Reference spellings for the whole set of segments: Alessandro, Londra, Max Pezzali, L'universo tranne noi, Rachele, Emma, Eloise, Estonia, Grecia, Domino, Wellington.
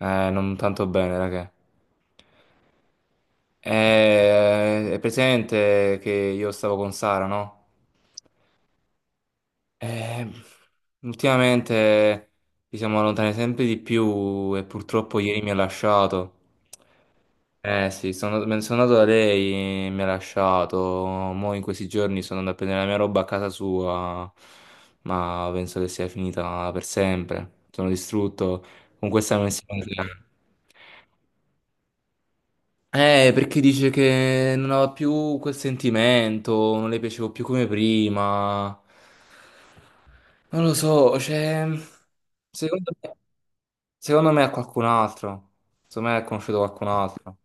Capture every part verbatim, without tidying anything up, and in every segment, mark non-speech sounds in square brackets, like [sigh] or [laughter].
Eh, non tanto bene, raga. Eh, è presente che io stavo con Sara, no? Eh, ultimamente ci siamo allontanati sempre di più e purtroppo ieri mi ha lasciato. Eh sì, sono, me ne sono andato da lei, mi ha lasciato. Mo' in questi giorni sono andato a prendere la mia roba a casa sua, ma penso che sia finita per sempre. Sono distrutto. Con questa mensilità. Eh, perché dice che non aveva più quel sentimento, non le piacevo più come prima. Non lo so, cioè, secondo me, secondo me è qualcun altro. Secondo me ha conosciuto qualcun altro.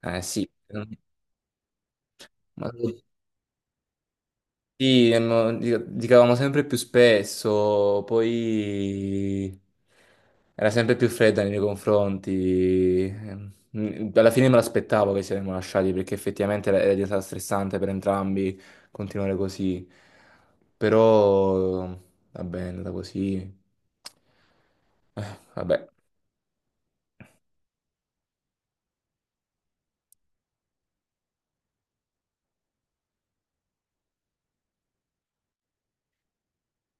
Eh sì, ma sì, ehm, gi- giocavamo sempre più spesso, poi era sempre più fredda nei miei confronti. Ehm, Alla fine me l'aspettavo che ci saremmo lasciati perché effettivamente era era diventata stressante per entrambi continuare così. Però va bene, è andata così. Eh, Vabbè,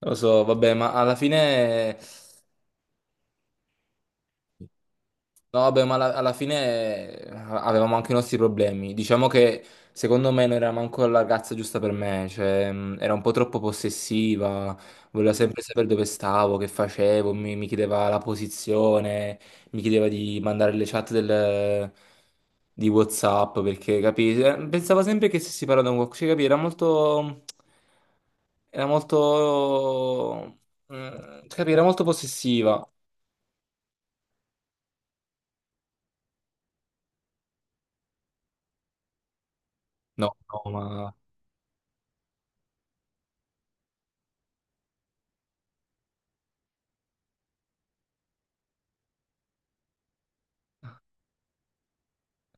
lo so, vabbè, ma alla fine. No, vabbè, ma alla, alla fine eh, avevamo anche i nostri problemi. Diciamo che secondo me non era manco la ragazza giusta per me, cioè mh, era un po' troppo possessiva, voleva Mm. sempre sapere dove stavo, che facevo, mi, mi chiedeva la posizione, mi chiedeva di mandare le chat del- di WhatsApp, perché capi? Eh, pensava sempre che stessi parlando con qualcuno, cioè, capi? Era molto... era molto... mm, capi? Era molto possessiva. No, no, ma...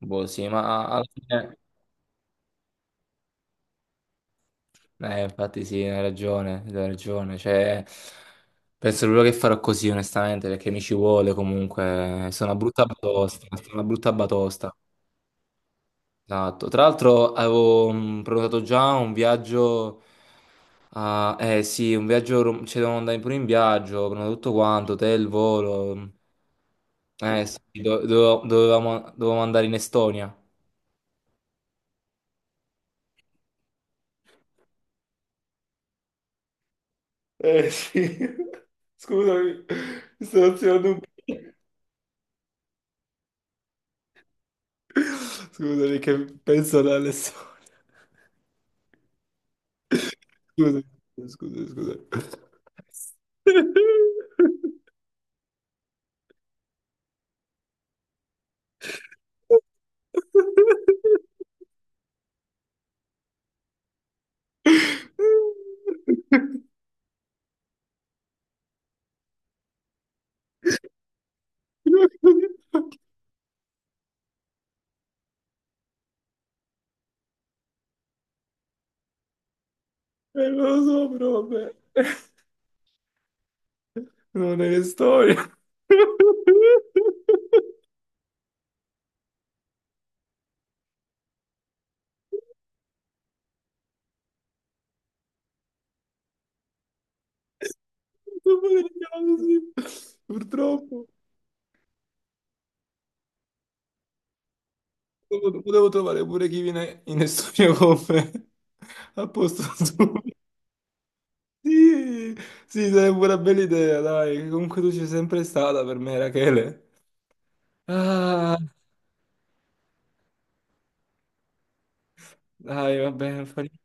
Boh, sì, ma alla fine... Eh, infatti sì, hai ragione, hai ragione. Cioè, penso proprio che farò così, onestamente, perché mi ci vuole comunque. Sono una brutta batosta, sono una brutta batosta. Esatto. Tra l'altro avevo mm, prenotato già un viaggio... ah, eh sì, un viaggio... rom- cioè, devo andare pure in viaggio, ho prenotato tutto quanto, hotel, volo. Eh sì, do- dovevo- dovevamo, dovevamo andare in Estonia. Eh sì, [laughs] scusami, mi sto azionando un po'. Scusami che penso ad Alessandro. Scusa, scusa, scusa. Eh, non lo so, però vabbè. Non è che storia. Non potevo così. Purtroppo. Potevo potevo trovare pure chi viene in studio con me. A posto suo. Sì, sì, sarebbe una bella idea, dai. Comunque tu ci sei sempre stata per me, Rachele. Ah, dai, va bene, non fa niente.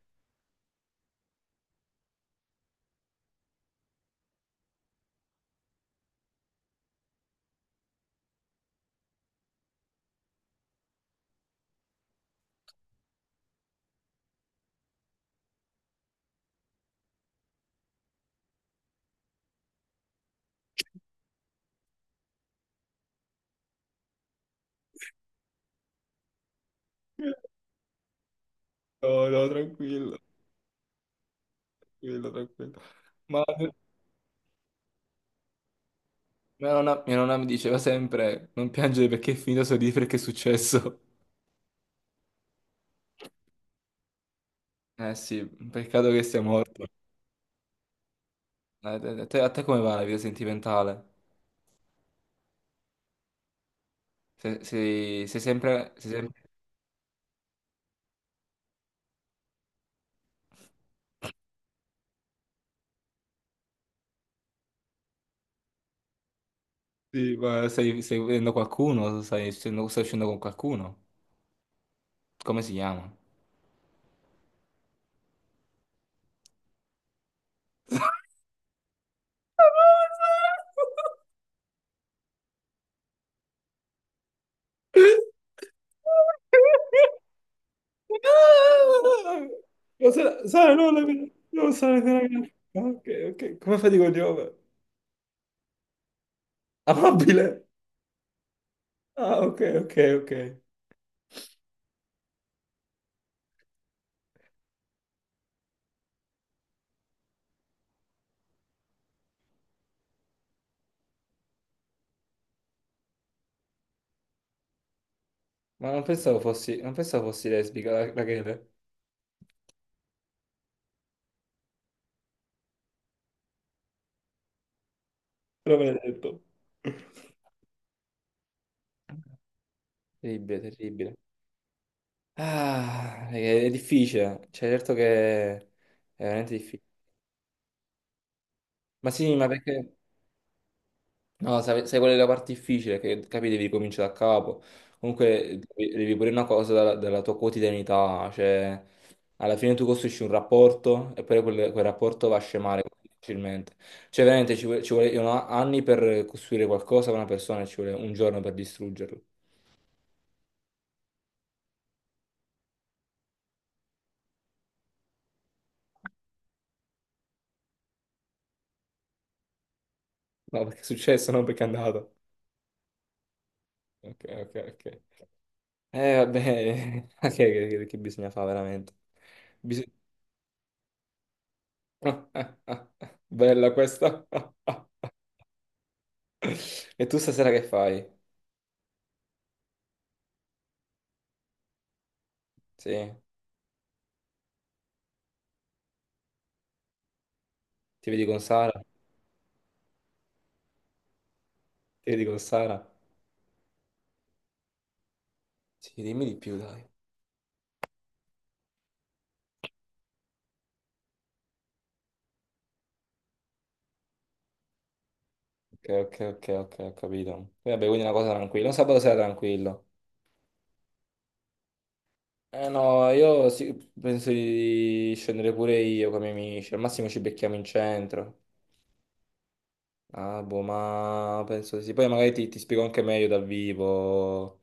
No, no, tranquillo, tranquillo, tranquillo. Ma mia nonna, mia nonna mi diceva sempre, non piangere perché è finito, sorridi perché è successo. Eh sì, peccato che sia morto. Eh, te- te- a te come va la vita sentimentale? Se- Sei, sei sempre... sei sempre... Sì, ma stai, stai vedendo qualcuno? Stai, stai uscendo con qualcuno? Come si chiama? No, Sara, Sara, no, la mia- no, Sara, è una mia- ragazza. Ah, ok, ok, come fai di cognome? Amabile? Ah, ok, ok, ok. Ma non pensavo fossi, non pensavo fossi lesbica, la, la Chele. Però me l'hai detto. Terribile, terribile. Ah, è, è difficile, cioè certo che è veramente difficile. Ma sì, ma perché... No, sai, sai qual è la parte difficile? Che capi, devi cominciare da capo. Comunque, devi, devi pure una cosa dalla, dalla tua quotidianità, cioè, alla fine tu costruisci un rapporto e poi quel, quel rapporto va a scemare facilmente. Cioè, veramente ci, vuole- ci vogliono anni per costruire qualcosa con una persona e ci vuole un giorno per distruggerlo. No, perché è successo, non perché è andato. Ok, ok, ok. Eh, vabbè, [laughs] ok, che, che- che bisogna fare veramente? Bisogna... [laughs] Bella questa. [laughs] E tu stasera che fai? Sì, ti vedi con Sara? Ti vedi con Sara? Sì, dimmi di più, dai. Ok, ok, ok, ok, ho capito. E vabbè, quindi una cosa tranquilla. Un sabato sera tranquillo. Eh no, io sì, penso di scendere pure io con i miei amici. Al massimo ci becchiamo in centro. Ah, boh, ma penso di sì. Poi magari ti, ti spiego anche meglio dal vivo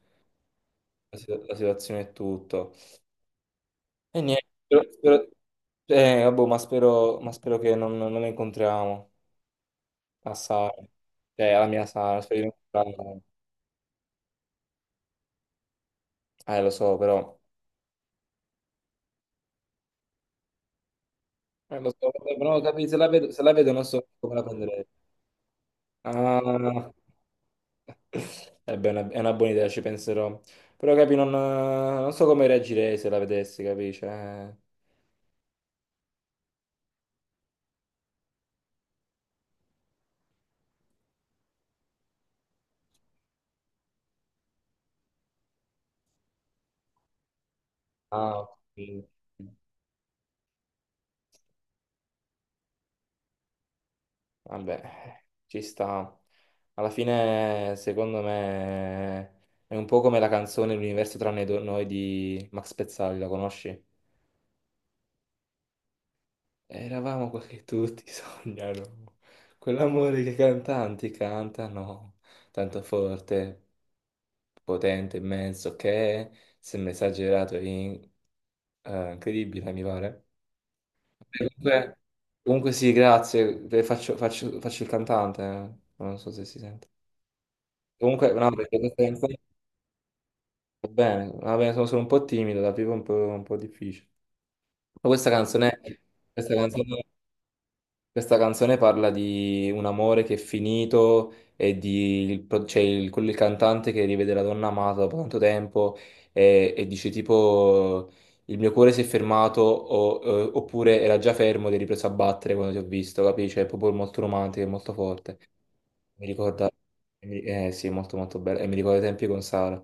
la, situ- la situazione e tutto. E niente, spero, spero- eh, vabbè, ma spero, ma spero che non, non la incontriamo. A Sara, cioè alla mia Sara, speriamo che... eh, lo so, però, eh, lo so, eh, però capi- se la vedo, se la vedo non so come la prenderei. Ah, [laughs] eh beh, è una, è una buona idea, ci penserò. Però capi, non, non so come reagirei se la vedessi, capisci? Eh, ah, ok. Vabbè, ci sta. Alla fine, secondo me, è un po' come la canzone L'universo tranne do- noi di Max Pezzali, la conosci? Eravamo quel che tutti [laughs] sognano, quell'amore che i cantanti cantano, tanto forte, potente, immenso, che sembra esagerato e in- eh, incredibile, mi pare. E comunque, comunque sì, grazie, ve- faccio, faccio- faccio il cantante, eh. Non so se si sente. Comunque, no, perché questa canzone va bene, va bene, sono solo un po' timido, da vivo è un po', un po' difficile. Ma questa canzone, questa canzone questa canzone parla di un amore che è finito e di il, pro- c'è il, quello- il cantante che rivede la donna amata dopo tanto tempo e, e dice tipo il mio cuore si è fermato o- eh, oppure era già fermo ed è ripreso a battere quando ti ho visto, capisci? È proprio molto romantico e molto forte. Mi ricorda... Eh sì, è molto molto bello. E mi ricorda i tempi con Sara.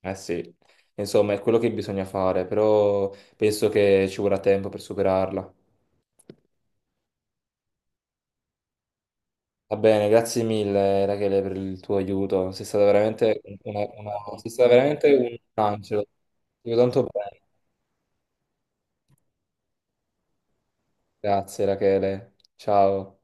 Eh sì. Insomma, è quello che bisogna fare, però penso che ci vorrà tempo per superarla. Va bene, grazie mille Rachele per il tuo aiuto, sei stata veramente, una- una- sei stata veramente un angelo. Ti vedo tanto bene. Grazie Rachele, ciao.